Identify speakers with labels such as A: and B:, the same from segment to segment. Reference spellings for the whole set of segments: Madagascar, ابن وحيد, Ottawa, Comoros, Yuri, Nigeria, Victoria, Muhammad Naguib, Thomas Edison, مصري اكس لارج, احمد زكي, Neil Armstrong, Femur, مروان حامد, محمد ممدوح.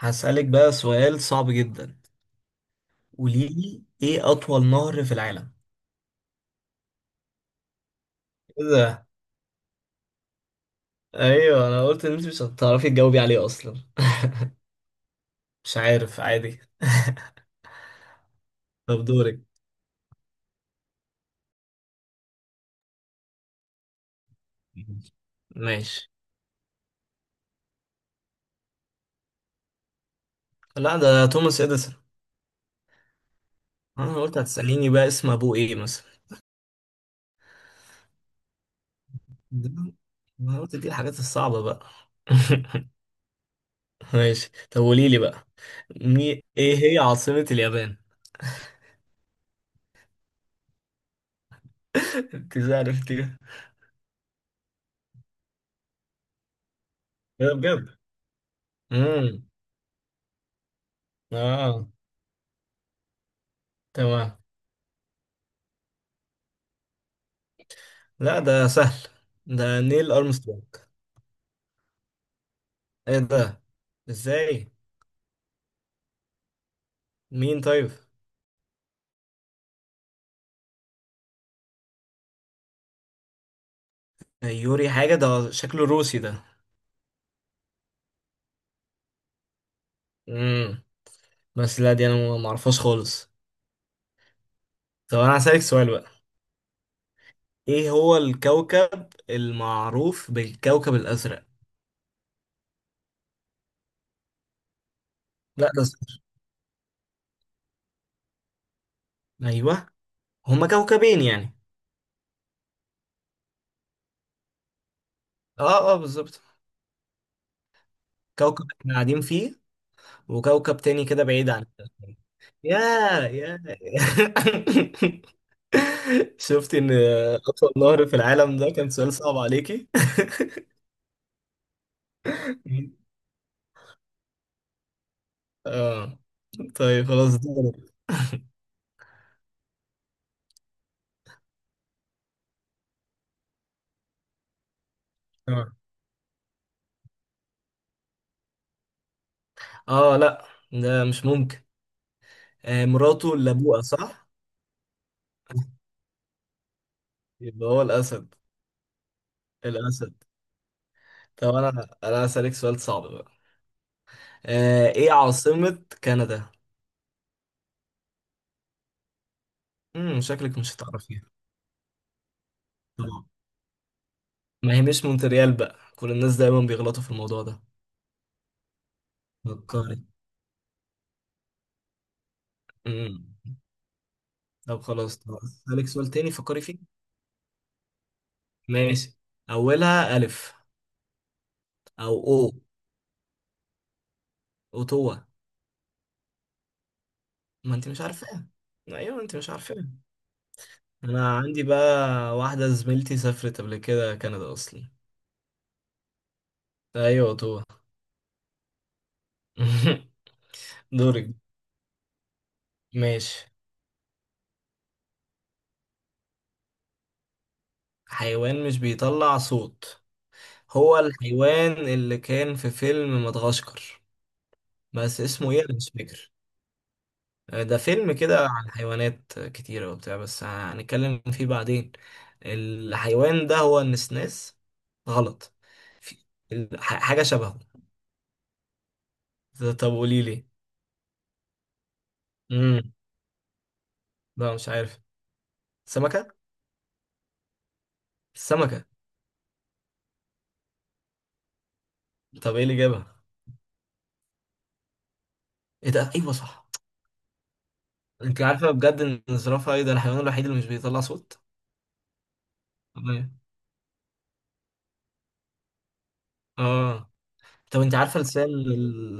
A: هسألك بقى سؤال صعب جدا. قولي لي ايه اطول نهر في العالم؟ ايه ده؟ ايوه، انا قلت ان انت مش هتعرفي تجاوبي عليه اصلا. مش عارف عادي. طب دورك. ماشي. لا ده توماس اديسون. انا قلت هتسأليني بقى اسم ابوه ايه مثلا. ده- انا قلت دي الحاجات الصعبة بقى. ماشي، طب قولي لي بقى. ايه هي عاصمة اليابان؟ انت عرفتي كده؟ بجد. امم. اه. تمام. لا ده سهل. ده نيل أرمسترونج. ايه ده؟ ازاي؟ مين طيب؟ يوري حاجة، ده شكله روسي ده. امم. بس لا دي انا ما اعرفهاش خالص. طب انا هسألك سؤال بقى. ايه هو الكوكب المعروف بالكوكب الازرق؟ لا ده صفر. ايوه. هما كوكبين يعني؟ اه اه، بالظبط. كوكب احنا قاعدين فيه، وكوكب تاني كده بعيد عن التاني. يا يا شفتي ان اطول نهر في العالم ده كان سؤال صعب عليكي. اه. طيب خلاص دورك. اه. آه، لا. ده مش ممكن. آه، مراته اللي ابوها صح. يبقى هو الاسد. الاسد. طب انا هسألك سؤال صعب بقى. آه، ايه عاصمة كندا؟ شكلك مش هتعرفيها. طبعا. ما هي مش مونتريال بقى، كل الناس دايما بيغلطوا في الموضوع ده. فكري. امم. طب خلاص، طب هسألك سؤال تاني، فكري فيه. ماشي. اولها الف. او. اوتوا. ما انت مش عارفاها. ايوه انت مش عارفاها. انا عندي بقى واحده زميلتي سافرت قبل كده كندا اصلا. ايوه اوتوا. دورك. ماشي. حيوان مش بيطلع صوت؟ هو الحيوان اللي كان في فيلم مدغشقر، بس اسمه ايه انا مش فاكر. ده فيلم كده عن حيوانات كتيرة وبتاع، بس هنتكلم فيه بعدين. الحيوان ده هو النسناس. غلط. في- حاجة شبهه. طب قولي لي. امم. لا مش عارف. سمكة. السمكة. طب ايه اللي جابها؟ ايه ده، ايوه صح. انت عارفة بجد ان الزرافة ايه ده الحيوان الوحيد اللي مش بيطلع صوت. طبيعي. اه. طب انت عارفة لسان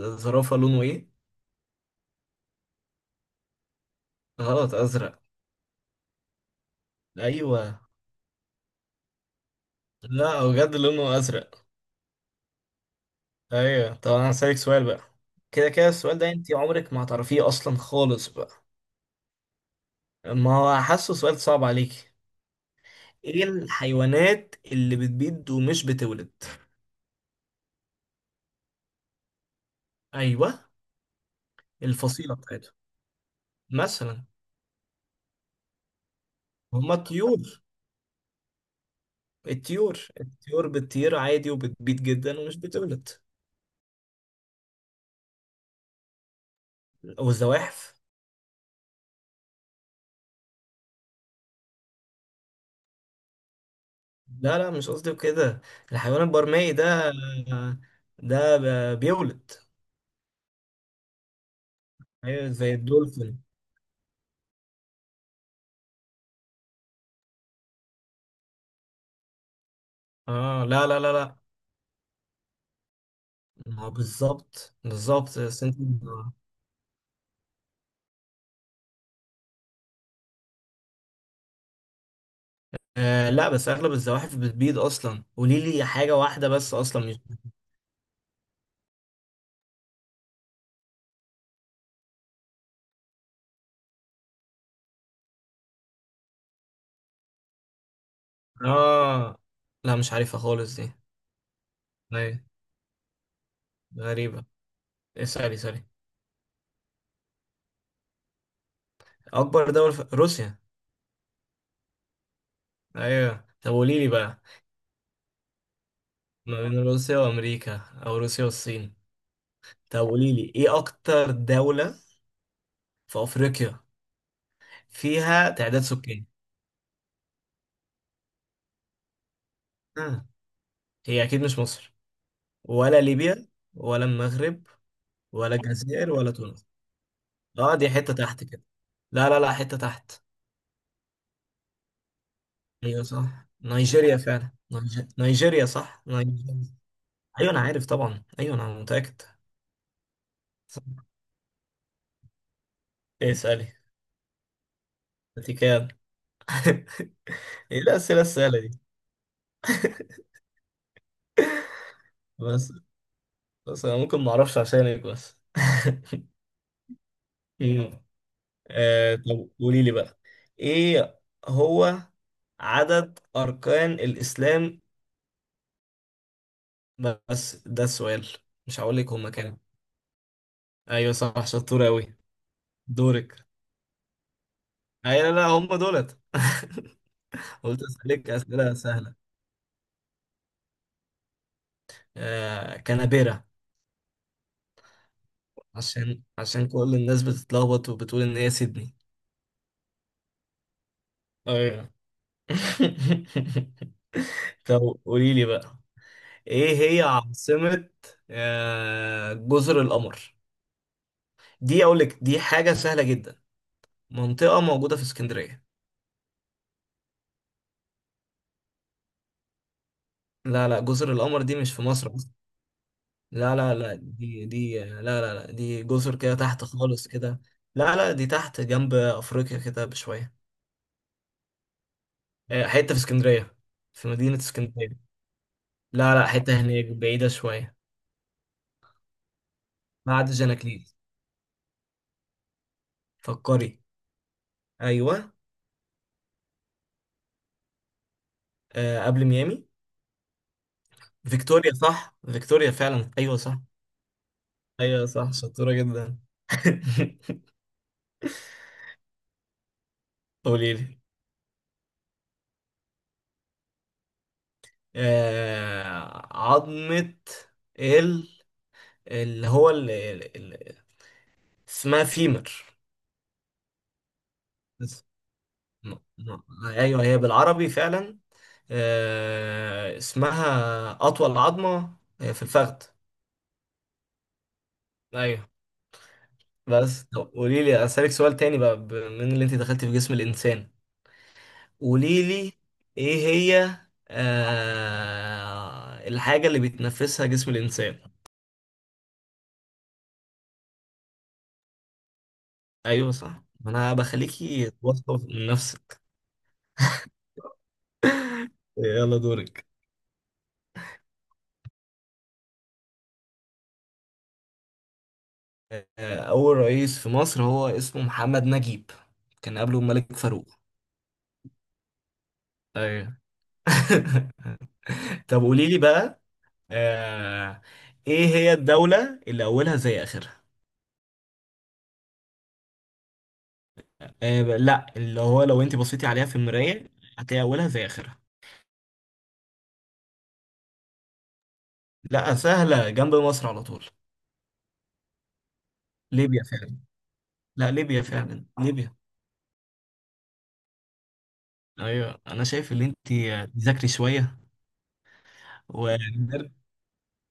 A: الزرافة لونه ايه؟ غلط، ازرق. ايوه. لا هو بجد لونه ازرق. ايوه، طب انا هسألك سؤال بقى. كده كده السؤال ده انت عمرك ما هتعرفيه اصلا خالص بقى. ما هو حاسه سؤال صعب عليكي. ايه الحيوانات اللي بتبيض ومش بتولد؟ ايوه. الفصيلة بتاعتهم؟ مثلا. هما الطيور. الطيور بتطير عادي وبتبيض جدا ومش بتولد. والزواحف. لا لا، مش قصدي كده. الحيوان البرمائي ده، ده بيولد. ايوه زي الدولفين. اه لا لا لا لا. ما هو بالظبط بالظبط، بس انت. آه لا، بس اغلب الزواحف بتبيض اصلا، قولي لي حاجه واحده بس اصلا مش. اه لا مش عارفها خالص دي. أيوة. غريبه. اسالي اسالي. اكبر دولة في روسيا. ايوه، طب قولي لي بقى. ما بين روسيا وامريكا او روسيا والصين. طب قولي لي ايه اكتر دولة في افريقيا فيها تعداد سكاني؟ آه. هي اكيد مش مصر. ولا ليبيا. ولا المغرب. ولا الجزائر ولا تونس. اه، دي حتة تحت كده. لا لا لا، حتة تحت. ايوه صح نيجيريا فعلا، نيجيريا صح نيجيريا. ايوه انا عارف طبعا، ايوه انا متأكد. صح. إيه، اسألي. انت كام؟ ايه الأسئلة السهلة دي؟ بس بس انا ممكن ما اعرفش عشانك بس. مم. آه، طب قولي لي بقى. ايه هو عدد اركان الاسلام؟ بس ده السؤال، مش هقول لك هما كام. ايوه صح، شطور قوي. دورك. ايوه لا لا، هما دولت. قلت اسالك اسئله سهله. آه، كنابيرا. عشان كل الناس بتتلخبط وبتقول ان هي سيدني. ايوه. طب قولي لي بقى، ايه هي عاصمة جزر القمر؟ دي اقول لك دي حاجة سهلة جدا، منطقة موجودة في اسكندرية. لا لا، جزر القمر دي مش في مصر أصلا. لا لا لا، دي لا لا لا، دي جزر كده تحت خالص كده. لا لا، دي تحت جنب افريقيا كده بشوية. آه، حتة في اسكندرية. في مدينة اسكندرية. لا لا، حتة هناك بعيدة شوية. بعد جاناكليس. فكري. ايوه. آه، قبل ميامي. فيكتوريا صح، فيكتوريا فعلا، ايوه صح. ايوه صح، شطورة جدا. قولي لي. عظمة، ال اللي هو اللي اللي اسمها فيمر. بس- ايوه هي بالعربي فعلا. اسمها اطول عظمة في الفخذ. ايوه. بس طب قولي لي، اسالك سؤال تاني بقى من اللي انت دخلت في جسم الانسان. قولي لي. ايه هي الحاجة اللي بيتنفسها جسم الانسان؟ ايوه صح، ما انا بخليكي واثقه من نفسك. يلا دورك. آه، اول رئيس في مصر هو اسمه محمد نجيب. كان قبله الملك فاروق. ايوه. طب قولي لي بقى. آه. ايه هي الدولة اللي اولها زي اخرها؟ آه، لا اللي هو لو انت بصيتي عليها في المراية هتلاقي اولها زي اخرها. لا سهلة، جنب مصر على طول. ليبيا فعلا. لا ليبيا فعلا ليبيا. ايوه انا شايف ان انت تذاكري شوية. و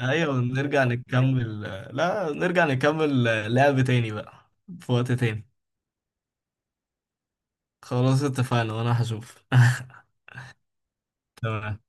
A: ايوه نرجع نكمل. لا نرجع نكمل. لعب تاني بقى في وقت تاني. خلاص اتفقنا وانا هشوف. تمام.